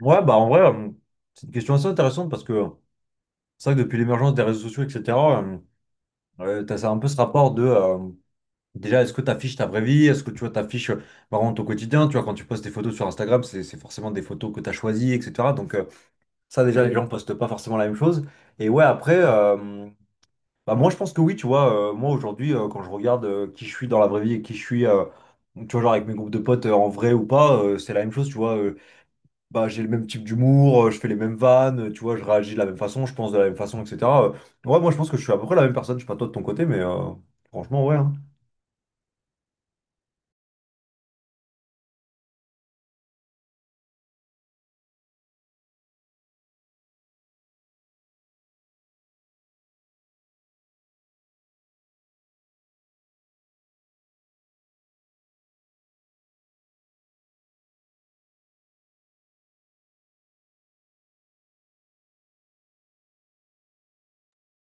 Ouais, bah en vrai, c'est une question assez intéressante parce que c'est vrai que depuis l'émergence des réseaux sociaux, etc., euh, ouais, t'as ça, un peu ce rapport de déjà, est-ce que tu affiches ta vraie vie? Est-ce que tu vois, t'affiches vraiment ton quotidien? Tu vois, quand tu postes des photos sur Instagram, c'est forcément des photos que tu as choisies, etc. Donc, ça, déjà, les gens postent pas forcément la même chose. Et ouais, après, bah, moi, je pense que oui, tu vois, moi aujourd'hui, quand je regarde qui je suis dans la vraie vie et qui je suis, tu vois, genre avec mes groupes de potes en vrai ou pas, c'est la même chose, tu vois. Bah, j'ai le même type d'humour, je fais les mêmes vannes, tu vois, je réagis de la même façon, je pense de la même façon, etc. Euh, ouais, moi je pense que je suis à peu près la même personne, je sais pas toi de ton côté, mais franchement, ouais, hein.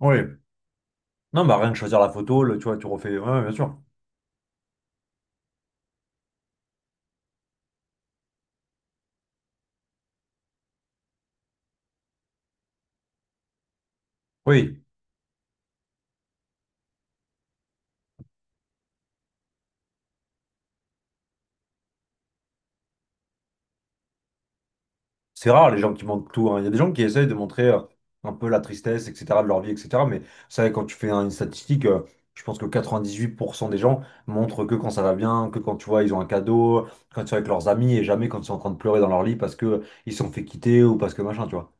Ouais. Non, bah rien que choisir la photo, tu vois, tu refais. Ouais, bien sûr. Oui. C'est rare les gens qui montrent tout, hein. Il y a des gens qui essayent de montrer un peu la tristesse, etc., de leur vie, etc. Mais ça, quand tu fais hein, une statistique, je pense que 98% des gens montrent que quand ça va bien, que quand tu vois, ils ont un cadeau, quand ils sont avec leurs amis et jamais quand ils sont en train de pleurer dans leur lit parce que ils se sont fait quitter ou parce que machin, tu vois.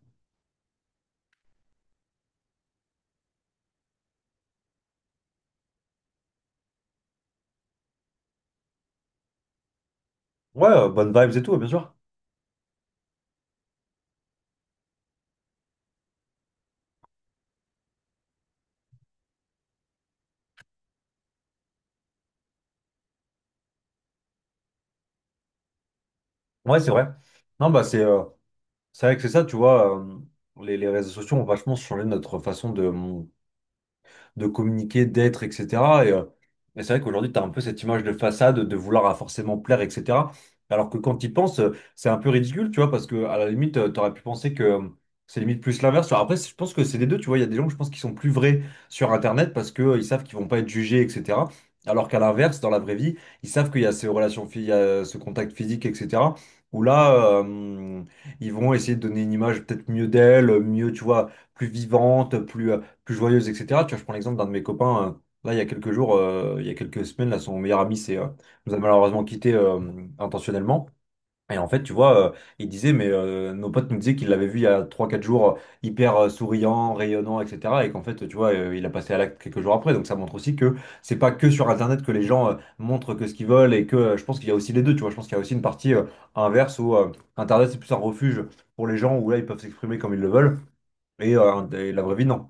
Ouais, bonnes vibes et tout, ouais, bien sûr. Ouais, c'est vrai. Non, bah c'est vrai que c'est ça, tu vois, les réseaux sociaux ont vachement changé notre façon de communiquer, d'être, etc. Et, euh, et c'est vrai qu'aujourd'hui, tu as un peu cette image de façade, de vouloir à forcément plaire, etc. Alors que quand tu y penses, c'est un peu ridicule, tu vois, parce que à la limite, tu aurais pu penser que c'est limite plus l'inverse. Alors après, je pense que c'est des deux, tu vois, il y a des gens, je pense, qui sont plus vrais sur Internet parce qu'ils savent qu'ils vont pas être jugés, etc. Alors qu'à l'inverse, dans la vraie vie, ils savent qu'il y a ces relations, il y a ce contact physique, etc. Où là, ils vont essayer de donner une image peut-être mieux d'elle, mieux, tu vois, plus vivante, plus joyeuse, etc. Tu vois, je prends l'exemple d'un de mes copains, là, il y a quelques jours, il y a quelques semaines, là, son meilleur ami c'est nous a malheureusement quittés intentionnellement. Et en fait, tu vois, il disait, mais nos potes nous disaient qu'il l'avait vu il y a trois quatre jours, hyper souriant, rayonnant, etc. Et qu'en fait, tu vois, il a passé à l'acte quelques jours après. Donc ça montre aussi que c'est pas que sur Internet que les gens montrent que ce qu'ils veulent et que je pense qu'il y a aussi les deux, tu vois. Je pense qu'il y a aussi une partie inverse où Internet, c'est plus un refuge pour les gens où là, ils peuvent s'exprimer comme ils le veulent. Et la vraie vie, non.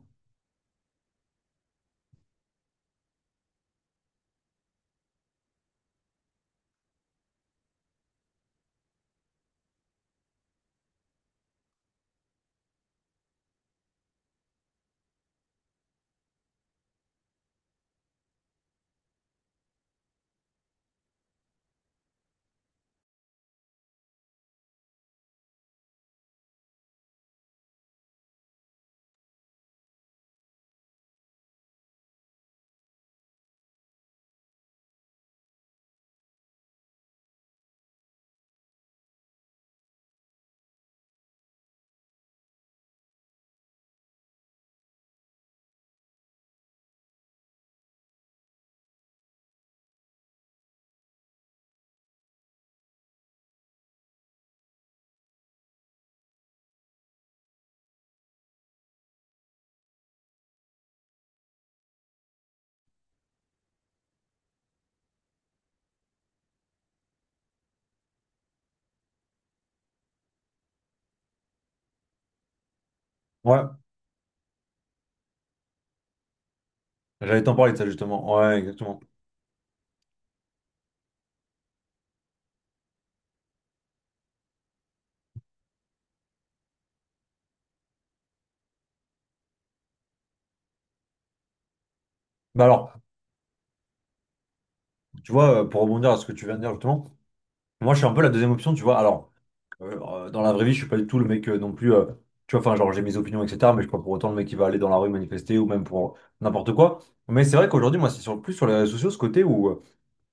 Ouais. J'allais t'en parler de ça justement. Ouais, exactement. Bah alors, tu vois, pour rebondir à ce que tu viens de dire justement, moi je suis un peu la deuxième option, tu vois. Alors, dans la vraie vie, je suis pas du tout le mec non plus. Tu vois, enfin, genre j'ai mes opinions, etc. Mais je suis pas pour autant le mec qui va aller dans la rue manifester ou même pour n'importe quoi. Mais c'est vrai qu'aujourd'hui, moi, c'est sur, plus sur les réseaux sociaux ce côté où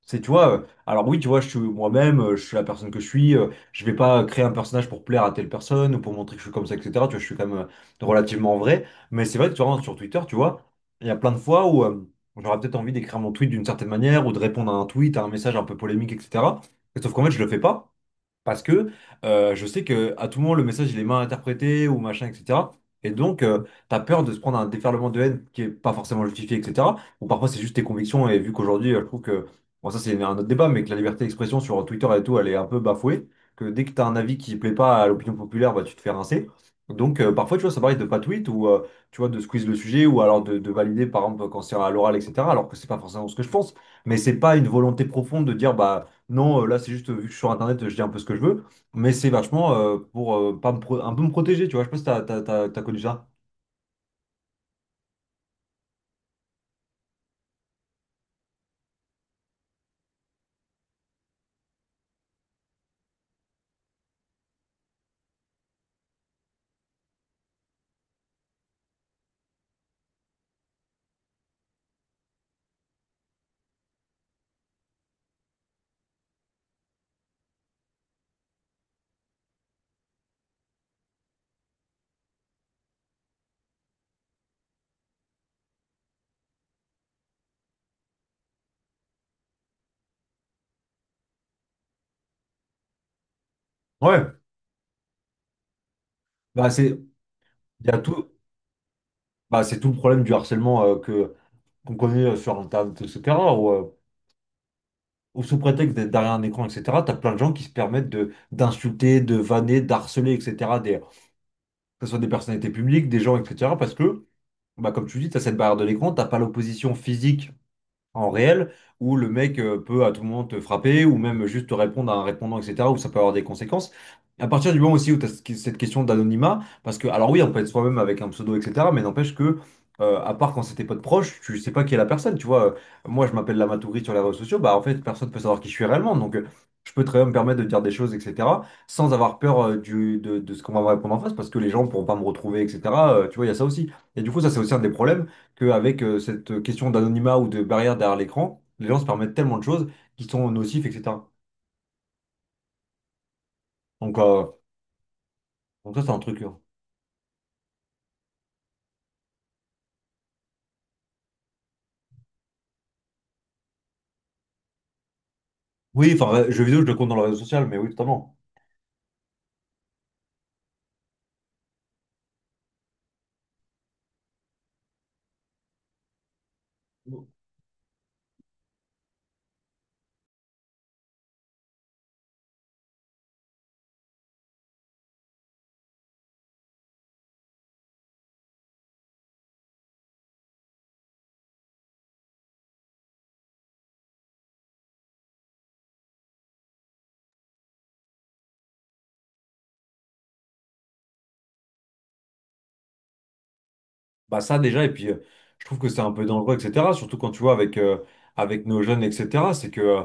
c'est, tu vois, alors oui, tu vois, je suis moi-même, je suis la personne que je suis, je vais pas créer un personnage pour plaire à telle personne ou pour montrer que je suis comme ça, etc. Tu vois, je suis quand même relativement vrai, mais c'est vrai que tu vois, sur Twitter, tu vois, il y a plein de fois où j'aurais peut-être envie d'écrire mon tweet d'une certaine manière ou de répondre à un tweet, à un message un peu polémique, etc. Sauf qu'en fait, je le fais pas. Parce que je sais que à tout moment, le message, il est mal interprété ou machin, etc. Et donc, t'as peur de se prendre un déferlement de haine qui est pas forcément justifié, etc. Ou parfois, c'est juste tes convictions. Et vu qu'aujourd'hui, je trouve que, bon, ça, c'est un autre débat, mais que la liberté d'expression sur Twitter et tout, elle est un peu bafouée. Que dès que t'as un avis qui plaît pas à l'opinion populaire, bah, tu te fais rincer. Donc, parfois, tu vois, ça m'arrive de pas tweet ou, tu vois, de squeeze le sujet ou alors de valider, par exemple, quand c'est à l'oral, etc. Alors que c'est pas forcément ce que je pense. Mais c'est pas une volonté profonde de dire, bah, non, là, c'est juste, vu que je suis sur Internet, je dis un peu ce que je veux. Mais c'est vachement pour pas me pro- un peu me protéger, tu vois. Je sais pas si t'as connu ça. Ouais, bah c'est il y a tout, bah, c'est tout le problème du harcèlement que qu'on connaît sur Internet, etc. Où, où sous prétexte d'être derrière un écran, etc., t'as plein de gens qui se permettent de d'insulter, de vanner, d'harceler, etc. Des, que ce soit des personnalités publiques, des gens, etc. Parce que, bah, comme tu dis, t'as cette barrière de l'écran, t'as pas l'opposition physique en réel, où le mec peut à tout moment te frapper, ou même juste te répondre à un répondant, etc., où ça peut avoir des conséquences. À partir du moment aussi où tu as cette question d'anonymat, parce que, alors oui, on peut être soi-même avec un pseudo, etc., mais n'empêche que, à part quand c'était pas de proche, tu sais pas qui est la personne, tu vois. Moi, je m'appelle Lamatouri sur les réseaux sociaux, bah en fait, personne peut savoir qui je suis réellement, donc je peux très bien me permettre de dire des choses, etc., sans avoir peur de ce qu'on va me répondre en face, parce que les gens pourront pas me retrouver, etc. Tu vois, il y a ça aussi. Et du coup, ça, c'est aussi un des problèmes qu'avec cette question d'anonymat ou de barrière derrière l'écran, les gens se permettent tellement de choses qui sont nocifs, etc. Donc, donc ça, c'est un truc. Oui, enfin, jeux vidéo, je le compte dans le réseau social, mais oui, totalement. Bah ça déjà, et puis je trouve que c'est un peu dangereux, etc. Surtout quand tu vois avec, avec nos jeunes, etc. C'est que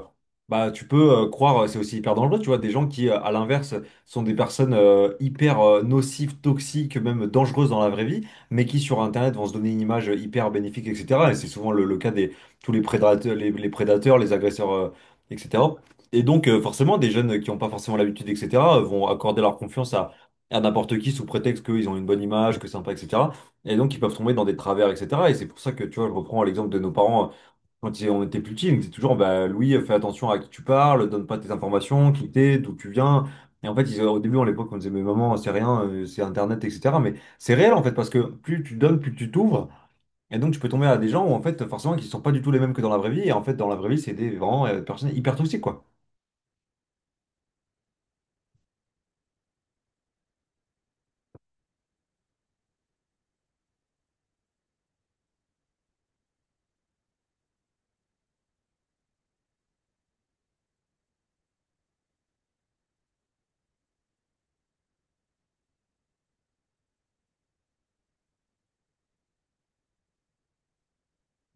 bah, tu peux croire, c'est aussi hyper dangereux, tu vois, des gens qui, à l'inverse, sont des personnes hyper nocives, toxiques, même dangereuses dans la vraie vie, mais qui sur Internet vont se donner une image hyper bénéfique, etc. Et c'est souvent le cas des tous les prédateurs, les agresseurs, etc. Et donc forcément, des jeunes qui n'ont pas forcément l'habitude, etc., vont accorder leur confiance à n'importe qui sous prétexte qu'ils ont une bonne image, que c'est sympa, etc. Et donc, ils peuvent tomber dans des travers, etc. Et c'est pour ça que, tu vois, je reprends l'exemple de nos parents quand on était plus petits. Donc c'est toujours, bah, Louis, fais attention à qui tu parles, donne pas tes informations, qui t'es, d'où tu viens. Et en fait, ils, au début, à l'époque, on disait, mais maman, c'est rien, c'est Internet, etc. Mais c'est réel, en fait, parce que plus tu donnes, plus tu t'ouvres. Et donc, tu peux tomber à des gens où, en fait, forcément, qui sont pas du tout les mêmes que dans la vraie vie. Et en fait, dans la vraie vie, c'est des vraiment personnes hyper toxiques, quoi.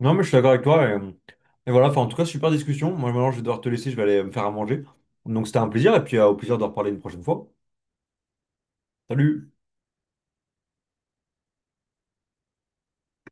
Non, mais je suis d'accord avec toi. Et voilà, enfin, en tout cas, super discussion. Moi, maintenant, je vais devoir te laisser, je vais aller me faire à manger. Donc, c'était un plaisir. Et puis, au plaisir de reparler une prochaine fois. Salut!